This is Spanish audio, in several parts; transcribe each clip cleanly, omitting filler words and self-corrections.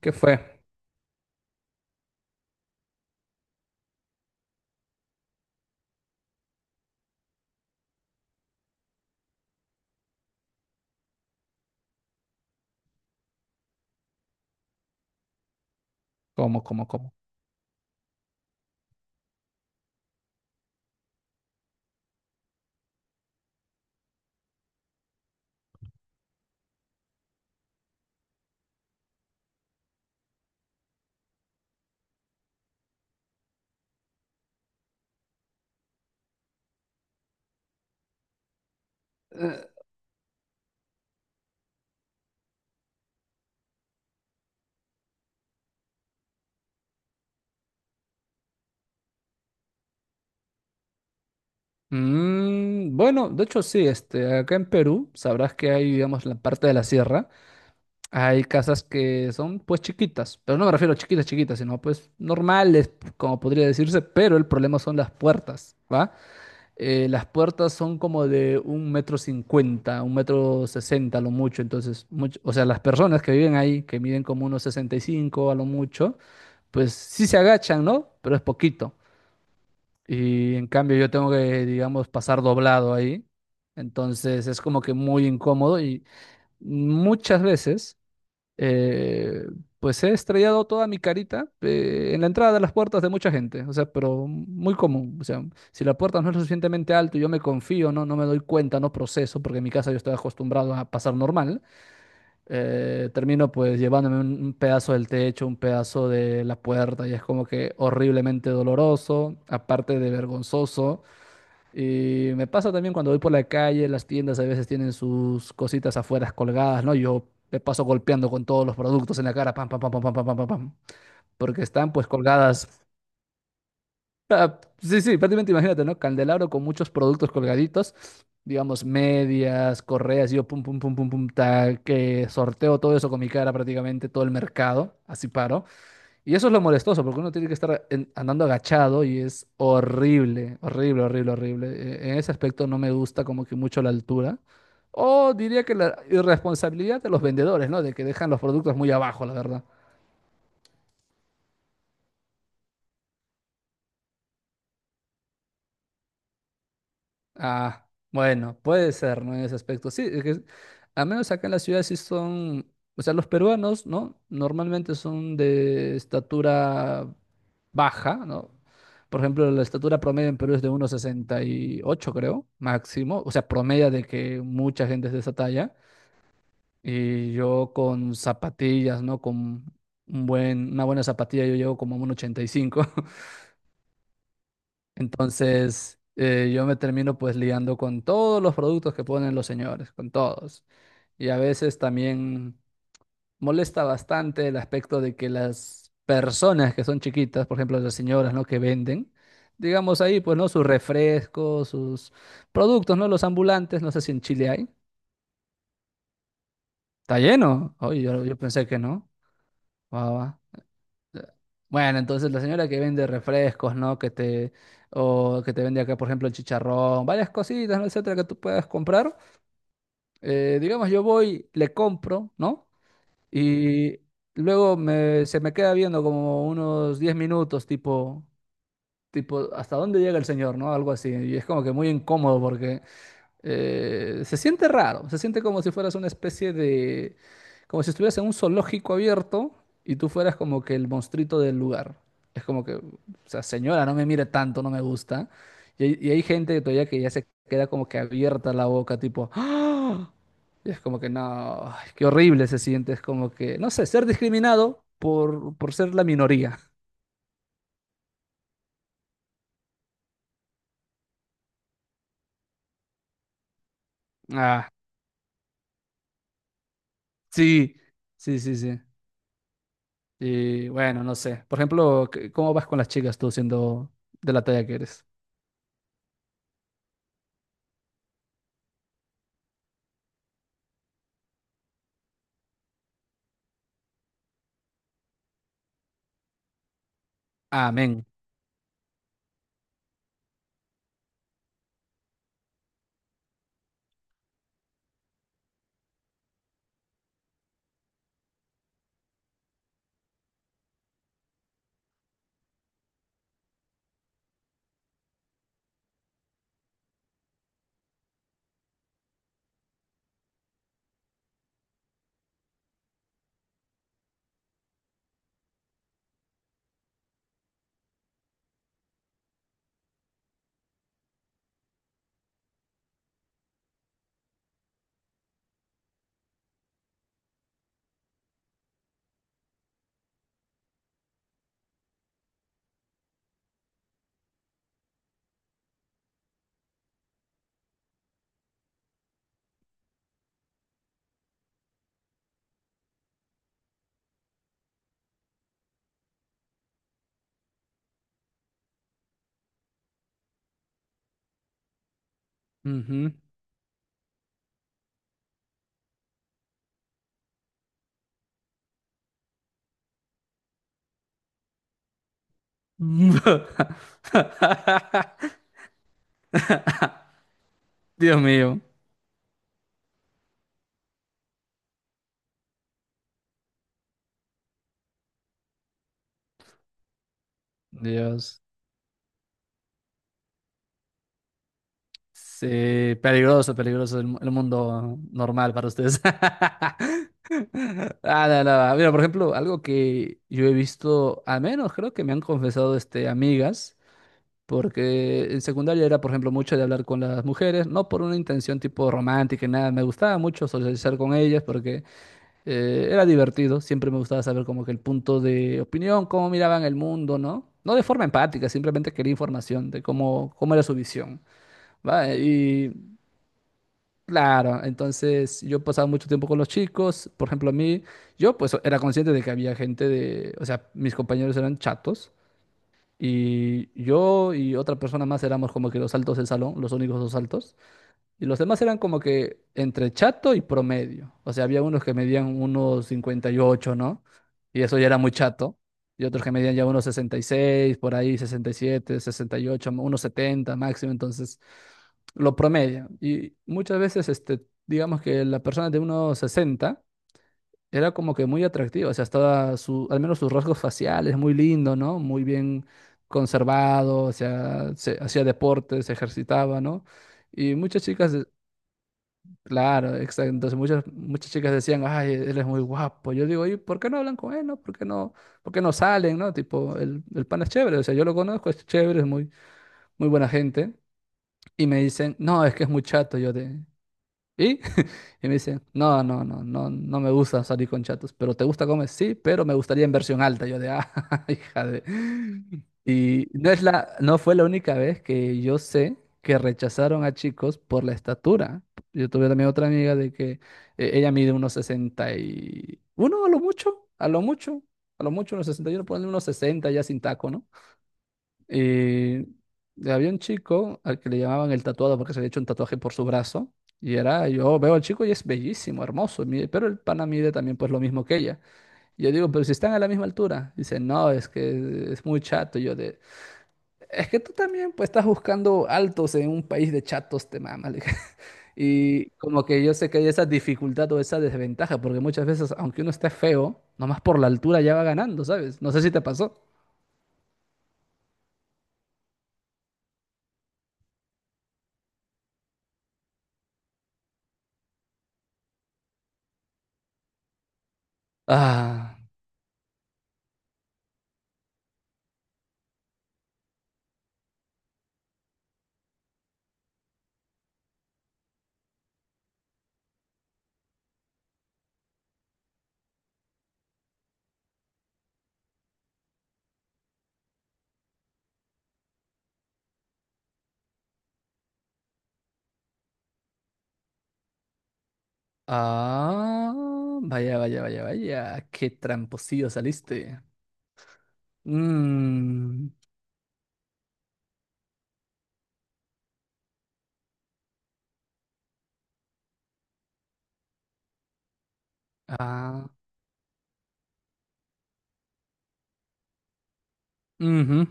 ¿Qué fue? ¿Cómo, cómo, cómo? Bueno, de hecho sí, este, acá en Perú sabrás que hay, digamos, la parte de la sierra, hay casas que son pues chiquitas, pero no me refiero a chiquitas, chiquitas, sino pues normales, como podría decirse, pero el problema son las puertas, ¿va? Las puertas son como de un metro cincuenta, un metro sesenta a lo mucho, entonces, o sea, las personas que viven ahí, que miden como unos sesenta y cinco a lo mucho, pues sí se agachan, ¿no? Pero es poquito. Y en cambio yo tengo que, digamos, pasar doblado ahí. Entonces es como que muy incómodo y muchas veces, eh, pues he estrellado toda mi carita en la entrada de las puertas de mucha gente. O sea, pero muy común. O sea, si la puerta no es lo suficientemente alta y yo me confío, no, no me doy cuenta, no proceso, porque en mi casa yo estoy acostumbrado a pasar normal, termino pues llevándome un pedazo del techo, un pedazo de la puerta y es como que horriblemente doloroso, aparte de vergonzoso. Y me pasa también cuando voy por la calle, las tiendas a veces tienen sus cositas afuera colgadas, ¿no? Yo me paso golpeando con todos los productos en la cara, pam, pam, pam, pam, pam, pam, pam, pam, pam, porque están pues colgadas. Sí, sí, prácticamente imagínate, ¿no? Candelabro con muchos productos colgaditos, digamos, medias, correas, yo pum, pum, pum, pum, pum, tal, que sorteo todo eso con mi cara prácticamente, todo el mercado, así paro. Y eso es lo molestoso, porque uno tiene que estar andando agachado y es horrible, horrible, horrible, horrible. En ese aspecto no me gusta como que mucho la altura. O diría que la irresponsabilidad de los vendedores, ¿no? De que dejan los productos muy abajo, la verdad. Ah, bueno, puede ser, ¿no? En ese aspecto. Sí, es que al menos acá en la ciudad sí son, o sea, los peruanos, ¿no? Normalmente son de estatura baja, ¿no? Por ejemplo, la estatura promedio en Perú es de uno sesenta y ocho, creo, máximo. O sea, promedio de que mucha gente es de esa talla. Y yo con zapatillas, ¿no? Con un buen, una buena zapatilla yo llego como a un uno ochenta y cinco. Entonces, yo me termino pues liando con todos los productos que ponen los señores, con todos. Y a veces también molesta bastante el aspecto de que las personas que son chiquitas, por ejemplo, las señoras, ¿no? Que venden, digamos ahí, pues, ¿no? Sus refrescos, sus productos, ¿no? Los ambulantes, no sé si en Chile hay. Está lleno. Oye, yo pensé que no. Guau, guau. Bueno, entonces la señora que vende refrescos, ¿no? O que te vende acá, por ejemplo, el chicharrón, varias cositas, ¿no? Etcétera, que tú puedas comprar. Digamos, yo voy, le compro, ¿no? Y luego se me queda viendo como unos 10 minutos, tipo, ¿hasta dónde llega el señor, ¿no? Algo así. Y es como que muy incómodo porque se siente raro, se siente como si fueras una especie de, como si estuvieras en un zoológico abierto y tú fueras como que el monstruito del lugar. Es como que, o sea, señora, no me mire tanto, no me gusta. Y, hay gente que todavía que ya se queda como que abierta la boca, tipo, ¡Ah! Y es como que no, ay, qué horrible se siente, es como que, no sé, ser discriminado por ser la minoría. Ah, sí, sí, sí, sí. Y bueno, no sé. Por ejemplo, ¿cómo vas con las chicas tú siendo de la talla que eres? Amén. Ujú. Dios mío. Dios. Sí, peligroso, peligroso el mundo normal para ustedes. Ah, no, no. Mira, por ejemplo, algo que yo he visto, al menos creo que me han confesado este, amigas. Porque en secundaria era, por ejemplo, mucho de hablar con las mujeres, no por una intención tipo romántica y nada, me gustaba mucho socializar con ellas porque era divertido, siempre me gustaba saber como que el punto de opinión, cómo miraban el mundo, ¿no? No de forma empática, simplemente quería información de cómo era su visión, ¿va? Y claro, entonces yo pasaba mucho tiempo con los chicos, por ejemplo, a mí, yo pues era consciente de que había gente de, o sea, mis compañeros eran chatos. Y yo y otra persona más éramos como que los altos del salón, los únicos dos altos. Y los demás eran como que entre chato y promedio. O sea, había unos que medían unos cincuenta y ocho, ¿no? Y eso ya era muy chato. Y otros que medían ya unos sesenta y seis, por ahí sesenta, sesenta y siete, sesenta y ocho, unos 70 máximo. Entonces, lo promedio. Y muchas veces, este, digamos que la persona de unos 60 era como que muy atractiva, o sea, estaba su, al menos sus rasgos faciales, muy lindo, ¿no? Muy bien conservado, o sea, hacía deporte, se ejercitaba, ¿no? Y muchas chicas, claro, exacto, entonces muchas, muchas chicas decían, ay, él es muy guapo. Yo digo, ¿y por qué no hablan con él, no? ¿Por qué no salen, no? Tipo, el pan es chévere, o sea, yo lo conozco, es chévere, es muy, muy buena gente. Y me dicen, no, es que es muy chato, yo de, ¿y? Y me dice, no, no, no, no, no me gusta salir con chatos, pero ¿te gusta comer? Sí, pero me gustaría en versión alta. Yo de, ah, hija de... Y no fue la única vez que yo sé que rechazaron a chicos por la estatura. Yo tuve también otra amiga de que ella mide unos 61 a lo mucho, a lo mucho, a lo mucho unos 61, ponle unos 60 ya sin taco, ¿no? Y había un chico al que le llamaban el tatuado porque se había hecho un tatuaje por su brazo. Yo veo al chico y es bellísimo, hermoso, y pero el pana mide también pues lo mismo que ella. Y yo digo, pero si están a la misma altura. Dice, no, es que es muy chato. Y yo de, es que tú también pues estás buscando altos en un país de chatos, te mama. Le dije. Y como que yo sé que hay esa dificultad o esa desventaja, porque muchas veces, aunque uno esté feo, nomás por la altura ya va ganando, ¿sabes? No sé si te pasó. Ah. Ah, vaya, vaya, vaya, vaya. Qué tramposillo saliste. Mm, ah, ujú.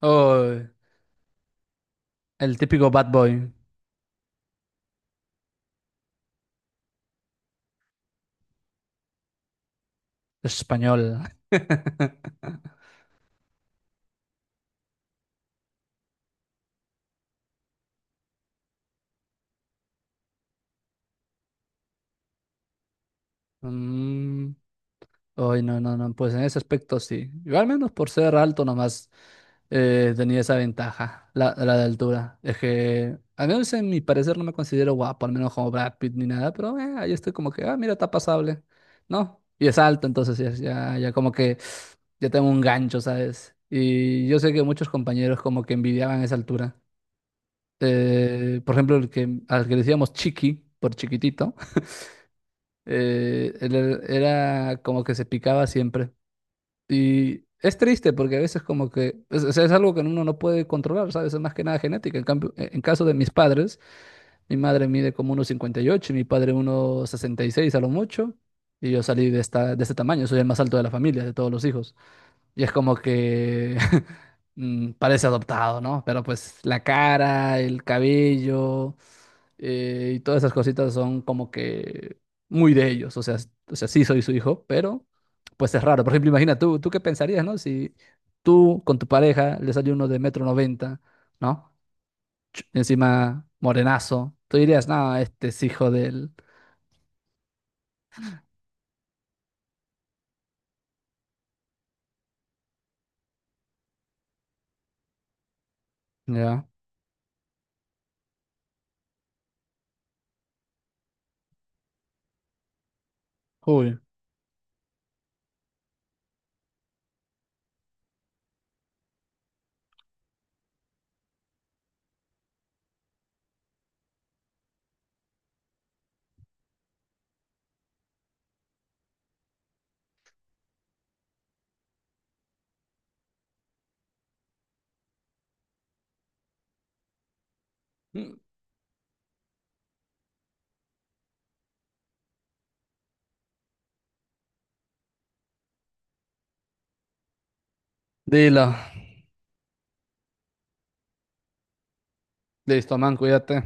Oh, el típico bad boy español. Mm, Ay, no, no, no. Pues en ese aspecto sí. Yo al menos por ser alto nomás. Tenía esa ventaja, la de altura. Es que, al menos en mi parecer, no me considero guapo, al menos como Brad Pitt ni nada, pero ahí estoy como que, ah, mira, está pasable, ¿no? Y es alto, entonces ya, ya, ya como que ya tengo un gancho, ¿sabes? Y yo sé que muchos compañeros como que envidiaban esa altura. Por ejemplo, al que le decíamos Chiqui, por chiquitito, él era como que se picaba siempre. Y es triste porque a veces como que o es algo que uno no puede controlar, ¿sabes? Es más que nada genética. En cambio, en caso de mis padres, mi madre mide como uno cincuenta y ocho y mi padre uno sesenta y seis a lo mucho. Y yo salí de este tamaño, soy el más alto de la familia, de todos los hijos. Y es como que parece adoptado, ¿no? Pero pues la cara, el cabello y todas esas cositas son como que muy de ellos. O sea, o sea, sí soy su hijo, pero pues es raro. Por ejemplo, imagina tú, ¿tú qué pensarías, ¿no? Si tú con tu pareja le sale uno de metro noventa, ¿no? Encima morenazo. Tú dirías, no, este es hijo del... Ya. Uy. Mm. Dilo. Listo, man, cuídate.